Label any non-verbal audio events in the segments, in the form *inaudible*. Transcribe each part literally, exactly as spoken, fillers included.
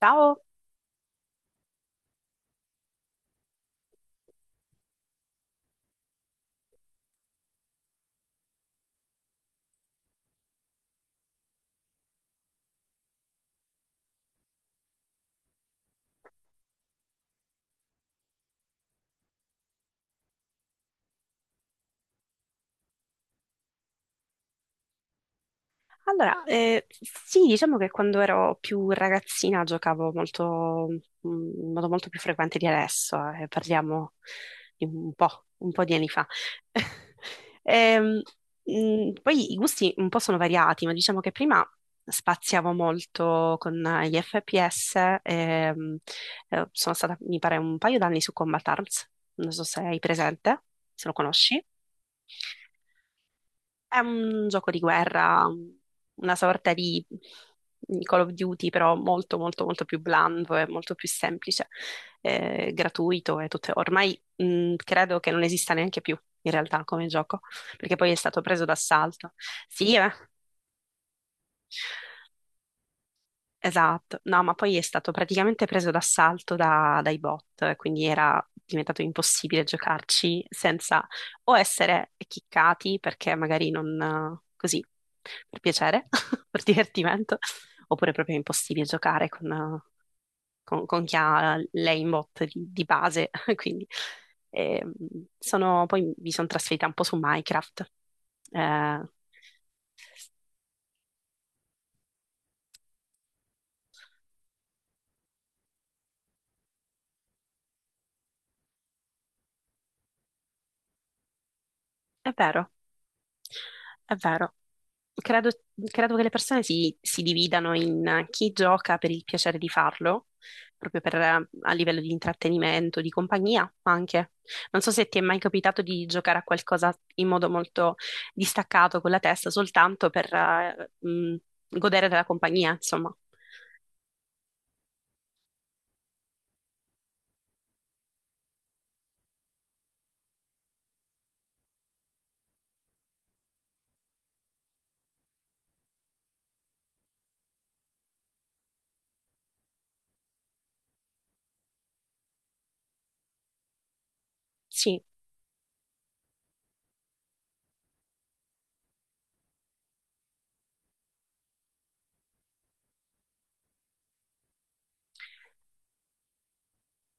Ciao! Allora, eh, sì, diciamo che quando ero più ragazzina giocavo molto, mm, in modo molto più frequente di adesso, eh, parliamo di un po', un po' di anni fa. *laughs* Ehm, mm, Poi i gusti un po' sono variati, ma diciamo che prima spaziavo molto con eh, gli F P S, ehm, eh, sono stata, mi pare, un paio d'anni su Combat Arms, non so se hai presente, se lo conosci. È un gioco di guerra, una sorta di Call of Duty, però molto, molto, molto più blando e molto più semplice, eh, gratuito e tutto. Ormai, mh, credo che non esista neanche più in realtà come gioco, perché poi è stato preso d'assalto. Sì, eh. Esatto, no, ma poi è stato praticamente preso d'assalto da- dai bot, quindi era diventato impossibile giocarci senza o essere chiccati perché magari non così per piacere, *laughs* per divertimento, oppure proprio impossibile giocare con, con- con chi ha l'aimbot di, di base. *laughs* Quindi ehm, sono- poi mi sono trasferita un po' su Minecraft. Eh, è vero, è vero. Credo, credo che le persone si, si dividano in chi gioca per il piacere di farlo, proprio per, eh, a livello di intrattenimento, di compagnia anche. Non so se ti è mai capitato di giocare a qualcosa in modo molto distaccato con la testa, soltanto per eh, mh, godere della compagnia, insomma. Sì.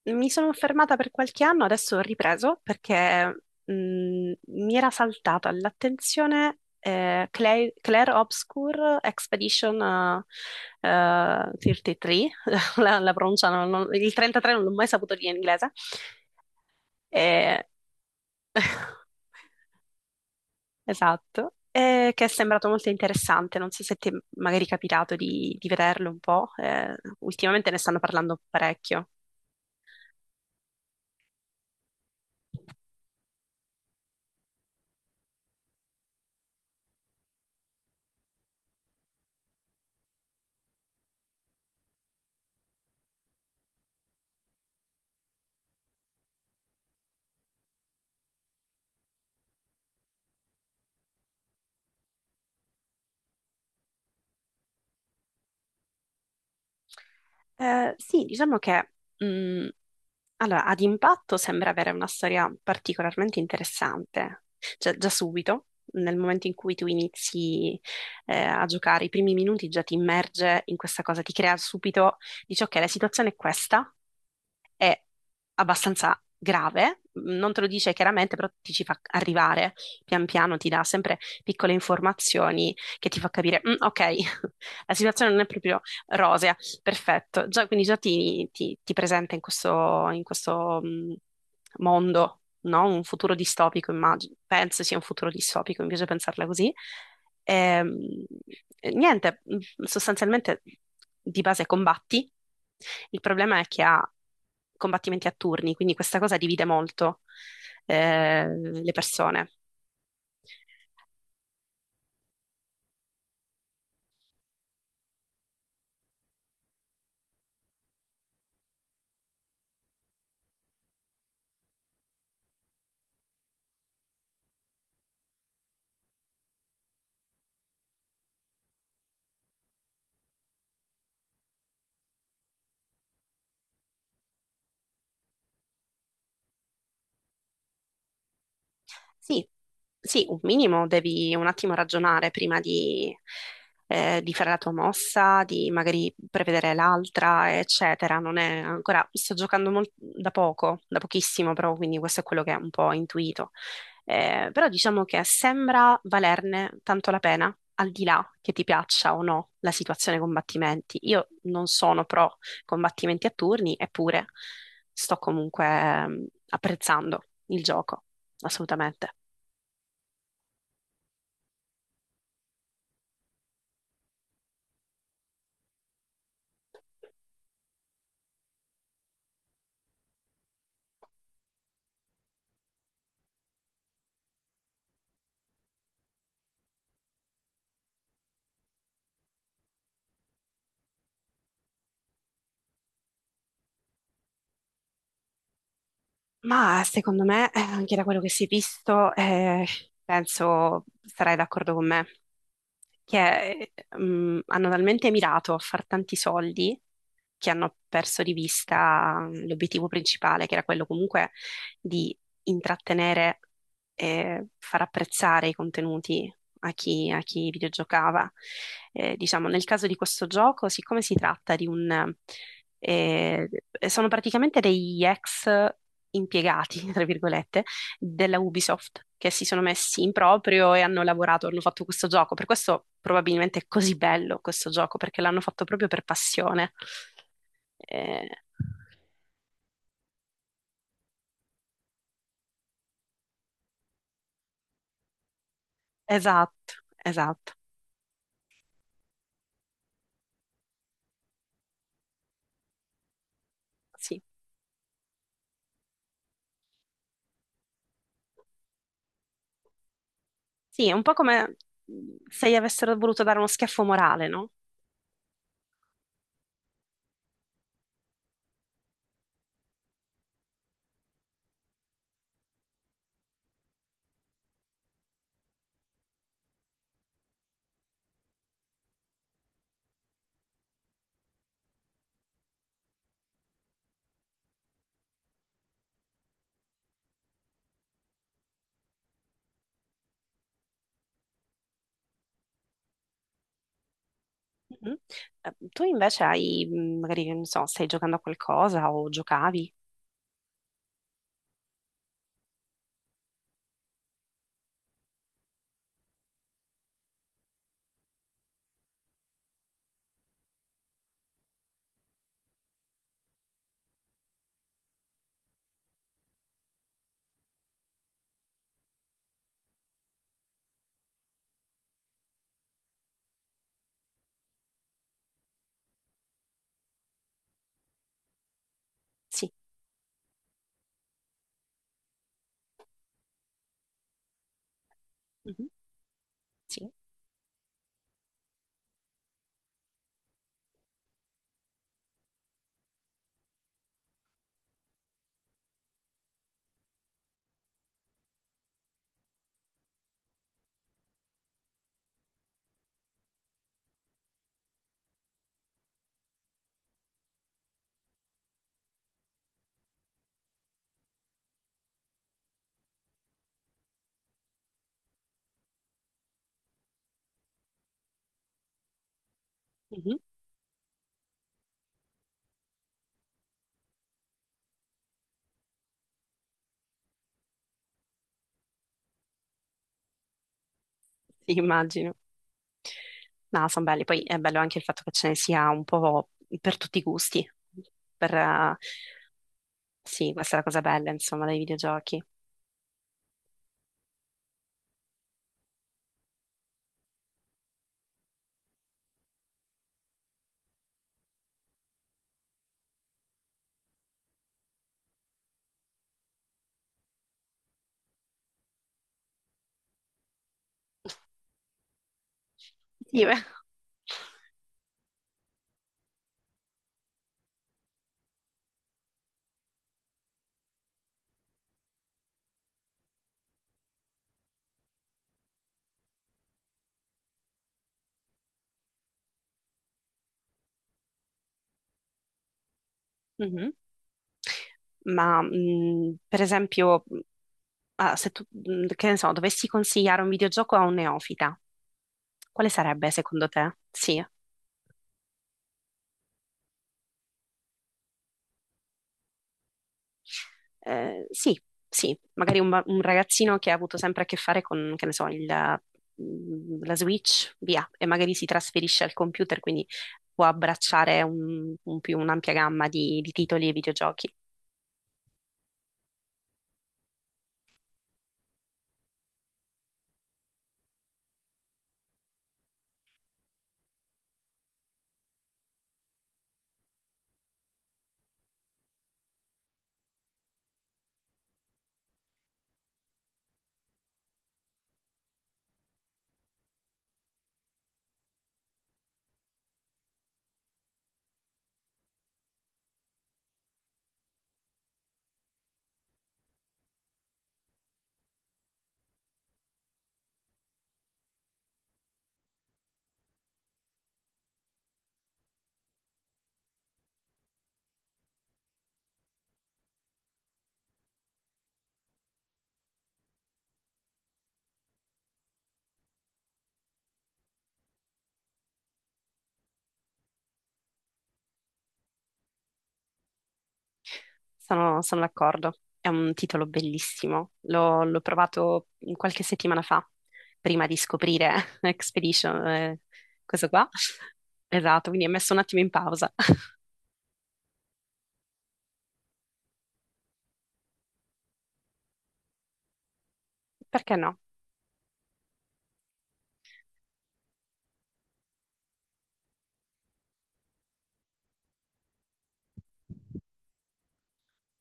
Mi sono fermata per qualche anno, adesso ho ripreso perché mh, mi era saltata all'attenzione eh, Claire, Claire Obscure Expedition eh, eh, trentatré, *laughs* la, la pronunciano, non- non- il trentatré non l'ho mai saputo dire in inglese. Eh, *laughs* esatto, eh, che è sembrato molto interessante, non so se ti è magari capitato di, di vederlo un po', eh, ultimamente ne stanno parlando parecchio. Eh, sì, diciamo che mh, allora, ad impatto sembra avere una storia particolarmente interessante, cioè già subito, nel momento in cui tu inizi eh, a giocare, i primi minuti già ti immerge in questa cosa, ti crea subito, dici ok, la situazione è questa, è abbastanza grave, non te lo dice chiaramente, però ti ci fa arrivare pian piano, ti dà sempre piccole informazioni che ti fa capire, "Mm, ok, *laughs* la situazione non è proprio rosea, perfetto". Già, quindi già ti, ti- ti presenta in questo, in questo, mm, mondo, no? Un futuro distopico, immagino. Penso sia un futuro distopico, mi piace pensarla così. Ehm, E, niente, mm, sostanzialmente di base combatti. Il problema è che ha combattimenti a turni, quindi questa cosa divide molto, eh, le persone. Sì, sì, un minimo devi un attimo ragionare prima di, eh, di fare la tua mossa, di magari prevedere l'altra, eccetera. Non è ancora, sto giocando mol- da poco, da pochissimo, però, quindi questo è quello che è un po' ho intuito. Eh, però diciamo che sembra valerne tanto la pena, al di là che ti piaccia o no la situazione combattimenti. Io non sono pro combattimenti a turni, eppure sto comunque mm, apprezzando il gioco, assolutamente. Ma secondo me, eh, anche da quello che si è visto, eh, penso sarai d'accordo con me, che mm, hanno talmente mirato a far tanti soldi che hanno perso di vista mm, l'obiettivo principale, che era quello comunque di intrattenere e far apprezzare i contenuti a chi, a chi videogiocava. Eh, diciamo, nel caso di questo gioco, siccome si tratta di un... eh, sono praticamente degli ex impiegati, *laughs* tra virgolette, della Ubisoft che si sono messi in proprio e hanno lavorato, hanno fatto questo gioco. Per questo probabilmente è così bello questo gioco, perché l'hanno fatto proprio per passione. Eh, esatto, esatto, sì. Sì, è un po' come mhmm, se gli avessero voluto dare uno schiaffo morale, no? Mhm. Eh, tu invece hai, mh, magari, che non so, stai giocando a qualcosa o giocavi? Sì. Mhm. Sì. Mhm. Sì, immagino. No, sono belli. Poi è bello anche il fatto che ce ne sia un po' per tutti i gusti. Per, eh, sì, questa è la cosa bella, insomma, dei videogiochi. Io- sì, beh. Mhm. Ma mh, per esempio, mh, ah, se tu, mh, che ne so, dovessi consigliare un videogioco a un neofita, quale sarebbe secondo te? Sì. Eh, sì, sì, magari un, ba- un ragazzino che ha avuto sempre a che fare con, che ne so, il- mm, la Switch, via, e magari si trasferisce al computer, quindi può abbracciare un- un più un'ampia gamma di, di titoli e videogiochi. Sono, sono d'accordo, è un titolo bellissimo, l'ho l'ho provato qualche settimana fa, prima di scoprire *laughs* Expedition, eh, questo qua. Esatto, quindi è messo un attimo in pausa. *laughs* Perché no?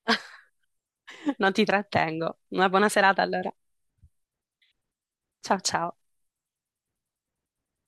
*laughs* Non ti trattengo. Una buona serata allora. Ciao ciao.